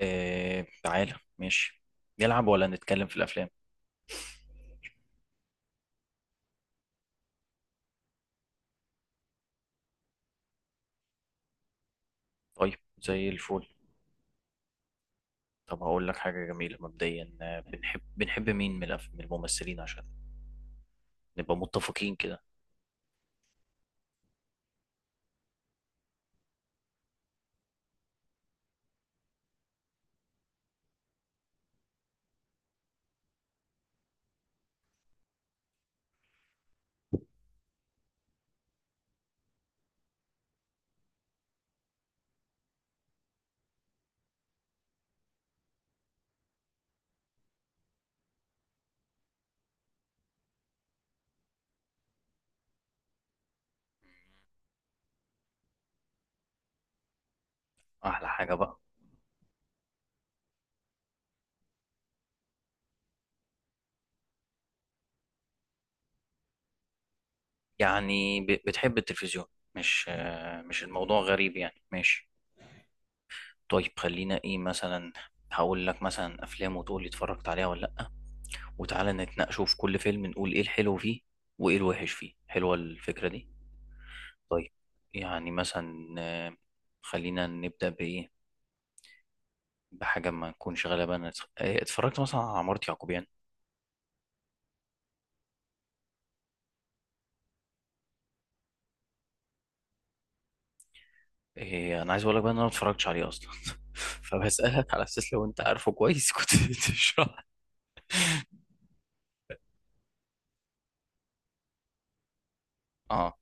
آه، تعالى، ماشي. نلعب ولا نتكلم في الأفلام؟ طيب، زي الفل. طب هقول لك حاجة جميلة مبدئيا، بنحب مين من الممثلين عشان نبقى متفقين كده. أحلى حاجة بقى. يعني بتحب التلفزيون؟ مش الموضوع غريب، يعني ماشي. طيب، خلينا إيه مثلا. هقول لك مثلا أفلام وتقول لي اتفرجت عليها ولا لأ. وتعالى نتناقشوا في كل فيلم، نقول إيه الحلو فيه وإيه الوحش فيه. حلوة الفكرة دي. طيب، يعني مثلا، خلينا نبدأ بإيه، بحاجة ما نكونش غالبا اتفرجت مثلا على عمارة يعقوبيان. إيه، أنا عايز أقول لك بقى إن أنا ما اتفرجتش عليه أصلا. فبسألك على أساس لو أنت عارفه كويس كنت تشرح. أه،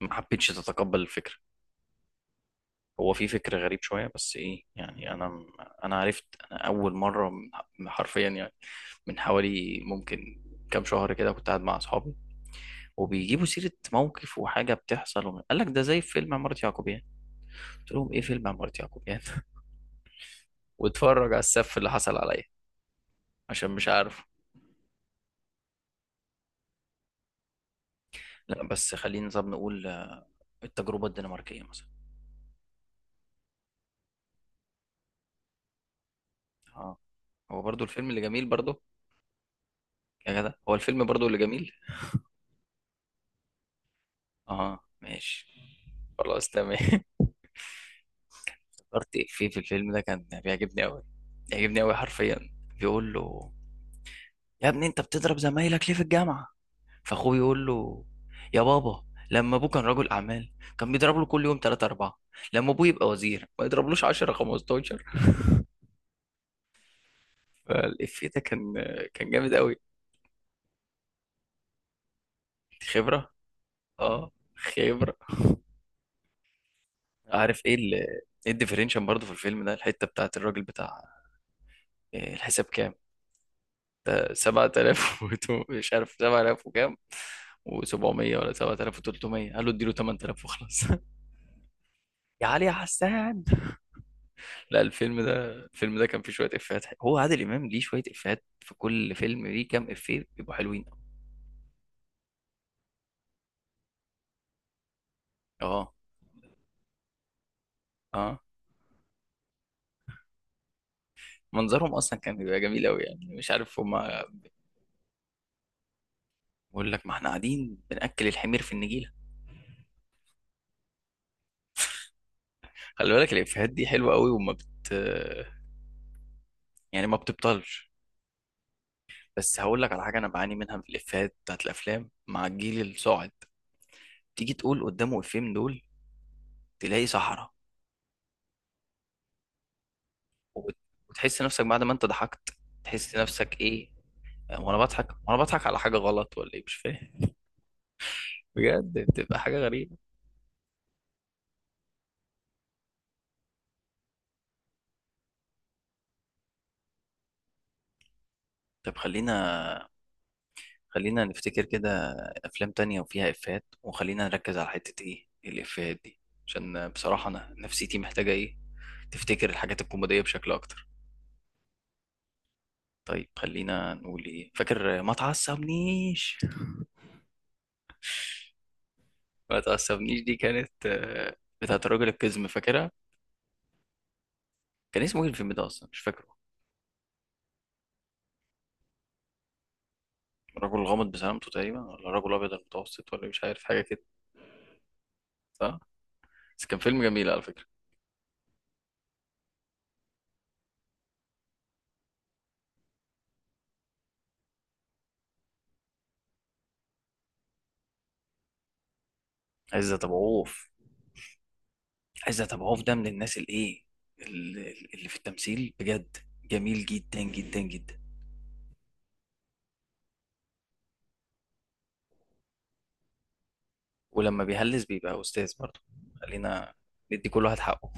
ما حبيتش تتقبل الفكرة؟ هو في فكر غريب شوية، بس إيه يعني، أنا أنا عرفت. أنا أول مرة، حرفيا يعني، من حوالي ممكن كام شهر كده، كنت قاعد مع أصحابي وبيجيبوا سيرة موقف وحاجة بتحصل، قال لك ده زي فيلم عمارة يعقوبيان. قلت لهم ايه فيلم عمارة يعقوبيان؟ واتفرج على السف اللي حصل عليا عشان مش عارفه. لا بس خلينا طب نقول، التجربة الدنماركية مثلا. اه، هو برضو الفيلم اللي جميل برضو. يا جدع، هو الفيلم برضو اللي جميل. اه، ماشي. خلاص تمام. افتكرت في الفيلم ده كان بيعجبني قوي. بيعجبني قوي حرفيا. بيقول له: يا ابني انت بتضرب زمايلك ليه في الجامعة؟ فاخوه يقول له: يا بابا، لما ابوه كان رجل اعمال كان بيضرب له كل يوم 3 4، لما ابوه يبقى وزير ما يضربلوش 10 15. فالإفيه ده كان جامد قوي. خبرة. اه، خبرة. عارف ايه الديفرنشن برضه في الفيلم ده، الحتة بتاعت الراجل بتاع: إيه الحساب كام؟ ده 7000، مش عارف 7000 وكام، و700، ولا 7300؟ قال له اديله 8000 وخلاص. يا علي يا حسان! لا، الفيلم ده كان فيه شوية إفيهات حلوة. هو عادل إمام ليه شوية إفيهات في كل فيلم، ليه كام إفيه بيبقوا حلوين. اه. اه. منظرهم اصلا كان بيبقى جميل قوي، يعني مش عارف هم. بقول لك، ما احنا قاعدين بنأكل الحمير في النجيلة. خلي بالك الإفيهات دي حلوة قوي، وما بت يعني ما بتبطلش. بس هقول لك على حاجة أنا بعاني منها في الإفيهات بتاعت الأفلام مع الجيل الصاعد. تيجي تقول قدامه إفيه من دول، تلاقي صحراء. وبت- وتحس نفسك بعد ما أنت ضحكت. تحس نفسك إيه. وأنا بضحك على حاجة غلط ولا إيه مش فاهم. بجد بتبقى حاجة غريبة. طب، خلينا نفتكر كده افلام تانية وفيها افيهات، وخلينا نركز على حتة ايه الافيهات دي. عشان بصراحة انا نفسيتي محتاجة ايه. تفتكر الحاجات الكوميدية بشكل اكتر. طيب، خلينا نقول ايه، فاكر ما تعصبنيش؟ ما تعصبنيش دي كانت، بتاعت الراجل القزم، فاكرها؟ كان اسمه ايه الفيلم ده اصلا؟ مش فاكره. الرجل الغامض بسلامته تقريبا، ولا الرجل الابيض المتوسط، ولا مش عارف حاجة كده. صح. بس كان فيلم جميل، على فكرة. عزت ابو عوف. عزت ابو عوف ده من الناس الايه، اللي في التمثيل بجد، جميل جدا جدا جدا. ولما بيهلس بيبقى استاذ برضه. خلينا ندي كل واحد حقه.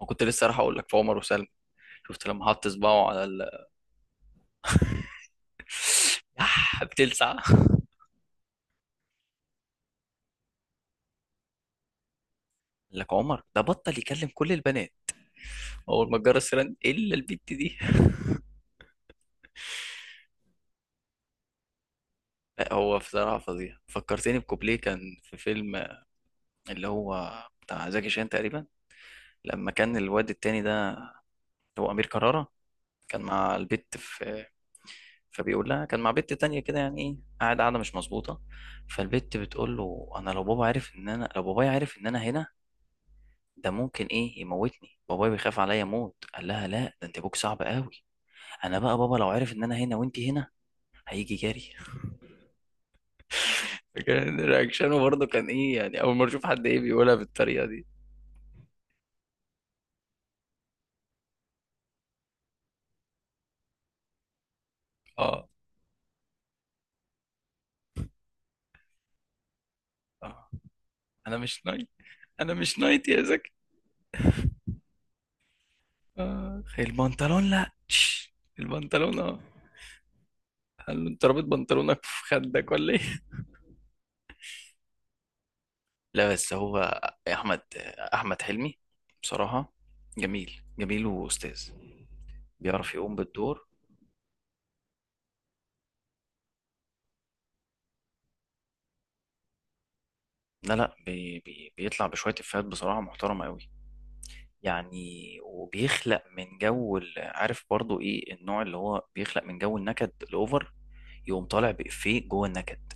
وكنت لسه راح اقول لك في عمر وسلمى. شفت لما حط صباعه على يح بتلسع، قال. لك عمر ده بطل يكلم كل البنات. اول ما جرى السيران الا البت دي. لا هو بصراحه فظيع، فكرتني بكوبليه كان في فيلم، اللي هو بتاع زكي شان تقريبا، لما كان الواد التاني ده اللي هو امير كرارة، كان مع البت في. فبيقول لها: كان مع بنت تانية كده، يعني ايه قاعد قاعدة مش مظبوطة. فالبت بتقول له: انا لو بابا عرف ان انا لو بابايا عرف ان انا هنا، ده ممكن ايه، يموتني، بابايا بيخاف عليا موت. قال لها: لا، ده انت ابوك صعب قوي، انا بقى بابا لو عرف ان انا هنا وانت هنا، هيجي جري. كان رياكشنه برضه كان ايه، يعني اول مرة اشوف حد ايه بيقولها بالطريقة دي. اه. اه. انا مش نايت، انا مش نايت يا زكي! آه. البنطلون، لا. تش، البنطلون، اه. هل انت رابط بنطلونك في خدك ولا ايه؟ لا بس هو احمد احمد حلمي بصراحة جميل، جميل واستاذ. بيعرف يقوم بالدور. لا، لا، بي بي بيطلع بشوية إفيهات بصراحة محترمة قوي. يعني وبيخلق من جو عارف برضو ايه النوع اللي هو بيخلق من جو النكد الأوفر، يقوم طالع بإفيه جوه النكد.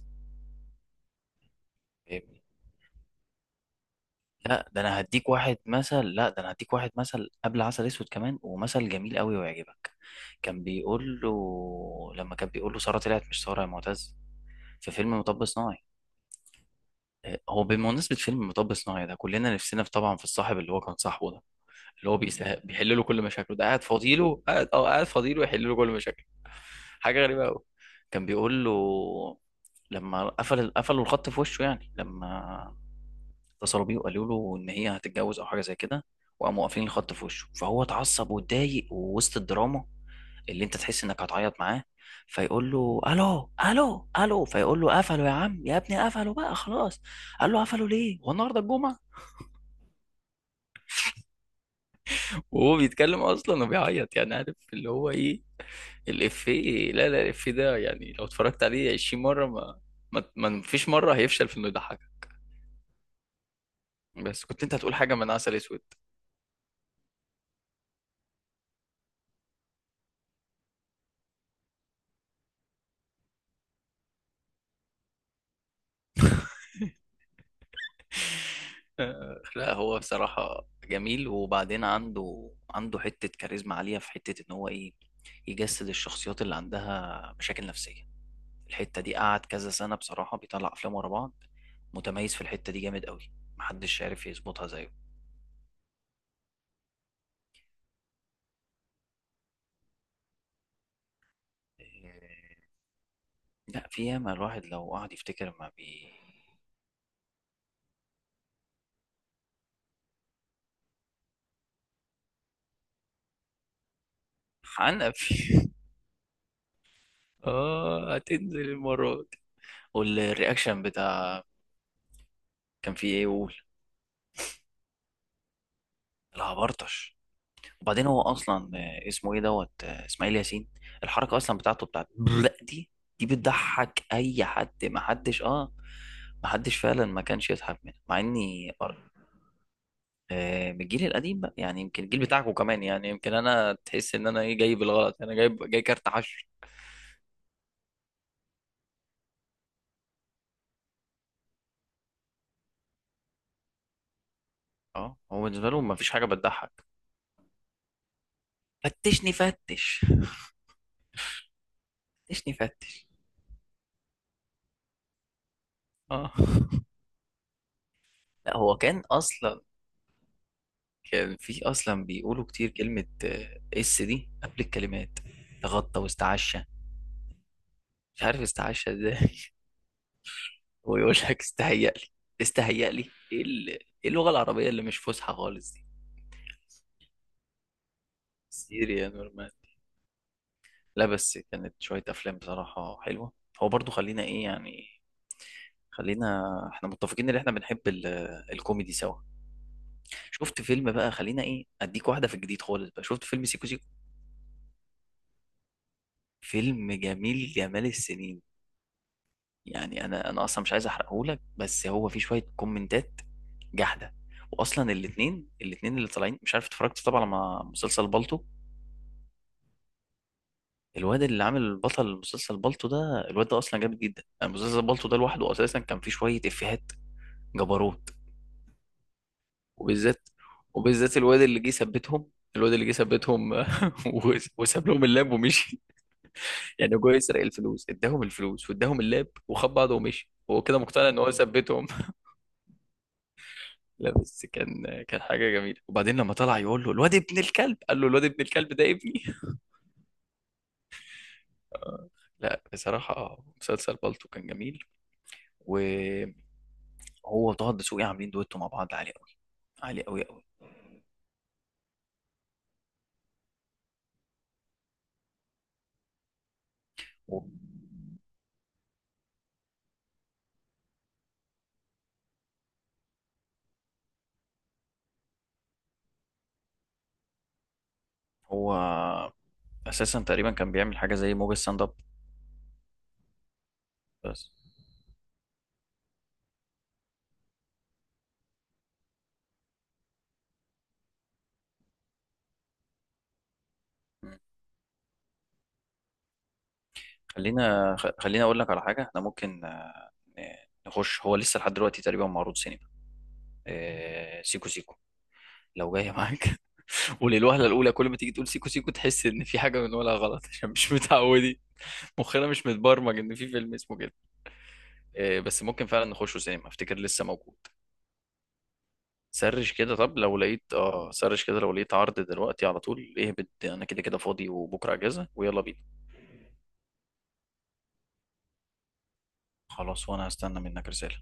لا ده انا هديك واحد مثل لا ده انا هديك واحد مثل قبل عسل اسود كمان، ومثل جميل قوي ويعجبك. كان بيقول له لما كان بيقول له: ساره طلعت، مش ساره يا معتز، في فيلم مطب صناعي. هو بمناسبة فيلم مطب صناعي ده كلنا نفسنا في، طبعا، في الصاحب اللي هو كان صاحبه ده، اللي هو بيحل له كل مشاكله، ده قاعد فاضيله يحل له كل مشاكله. حاجة غريبة قوي. كان بيقول له، لما قفلوا الخط في وشه، يعني لما اتصلوا بيه وقالوا له ان هي هتتجوز او حاجه زي كده، وقاموا قافلين الخط في وشه، فهو اتعصب واتضايق، ووسط الدراما اللي انت تحس انك هتعيط معاه، فيقول له: الو، الو، الو. فيقول له: قفلوا يا عم، يا ابني قفلوا بقى، خلاص. قال له: قفلوا ليه؟ هو النهارده الجمعه؟ وهو بيتكلم اصلا وبيعيط، يعني عارف اللي هو ايه. لا، لا، الافيه ده، يعني لو اتفرجت عليه 20 مره، ما ما فيش مره هيفشل في انه يضحكك. بس كنت انت هتقول حاجه من عسل اسود. لا هو بصراحة جميل، وبعدين عنده حتة كاريزما عالية في حتة إن هو إيه، يجسد الشخصيات اللي عندها مشاكل نفسية. الحتة دي قعد كذا سنة بصراحة بيطلع أفلام ورا بعض، متميز في الحتة دي جامد قوي. محدش عارف يظبطها زيه. آه، لا، في ياما الواحد لو قعد يفتكر ما بي حنق فيه. آه، هتنزل المرة دي. والرياكشن بتاع. كان فيه إيه، يقول: العبرطش. وبعدين هو اصلا، اسمه ايه دوت، اسماعيل ياسين، الحركه اصلا بتاعته بتاعت برق دي، دي بتضحك اي حد. ما حدش فعلا ما كانش يضحك منها، مع اني من الجيل القديم بقى، يعني يمكن الجيل بتاعكم كمان، يعني يمكن انا تحس ان انا ايه، جاي بالغلط، انا جاي كارت حشر. اه، هو بالنسبه لهم ما فيش حاجه بتضحك. فتشني فتش. فتشني فتش. اه. لا هو كان اصلا، كان في اصلا بيقولوا كتير كلمه، اس دي قبل الكلمات: تغطى واستعشى. مش عارف استعشى ازاي. هو يقول لك: استهيأ لي. استهيأ لي ايه؟ إيه اللغه العربيه اللي مش فصحى خالص دي؟ سيريا نورمان. لا، بس كانت شويه افلام بصراحه حلوه. هو برضو خلينا ايه يعني، خلينا احنا متفقين ان احنا بنحب الكوميدي سوا. شفت فيلم بقى، خلينا ايه، اديك واحده في الجديد خالص بقى، شفت فيلم سيكو سيكو؟ فيلم جميل جمال السنين. يعني انا اصلا مش عايز احرقهولك، بس هو في شويه كومنتات جحده. واصلا الاثنين اللي طالعين، مش عارف، اتفرجت طبعا على مسلسل بالطو. الواد اللي عامل بطل مسلسل بالطو ده، الواد ده اصلا جامد جدا، يعني مسلسل بالطو ده لوحده اساسا كان فيه شويه افيهات جبروت. وبالذات وبالذات الواد اللي جه ثبتهم، الواد اللي جه ثبتهم، وساب لهم اللاب ومشي. يعني هو جاي يسرق الفلوس، اداهم الفلوس واداهم اللاب وخد بعضه ومشي، هو كده مقتنع ان هو ثبتهم. لا بس كان حاجة جميلة. وبعدين لما طلع يقول له: الواد ابن الكلب. قال له: الواد ابن الكلب ده ابني. لا بصراحة مسلسل بالطو كان جميل. وهو وطه الدسوقي عاملين دويتو مع بعض عالي قوي، عالي قوي قوي. هو أساسا تقريبا كان بيعمل حاجة زي موجة ستاند اب. بس. مم. خلينا أقول لك على حاجة، احنا ممكن، ن- نخش، هو لسه لحد دلوقتي تقريبا معروض سينما، سيكو سيكو، لو جاية معاك. وللوهلة الأولى كل ما تيجي تقول سيكو سيكو تحس إن في حاجة بنقولها غلط. عشان مش متعودين، مخنا مش متبرمج إن في فيلم اسمه كده. إيه، بس ممكن فعلا نخشه سينما، أفتكر لسه موجود. سرش كده لو لقيت عرض دلوقتي، على طول اهبط، أنا كده كده فاضي وبكرة أجازة، ويلا بينا. خلاص، وأنا هستنى منك رسالة.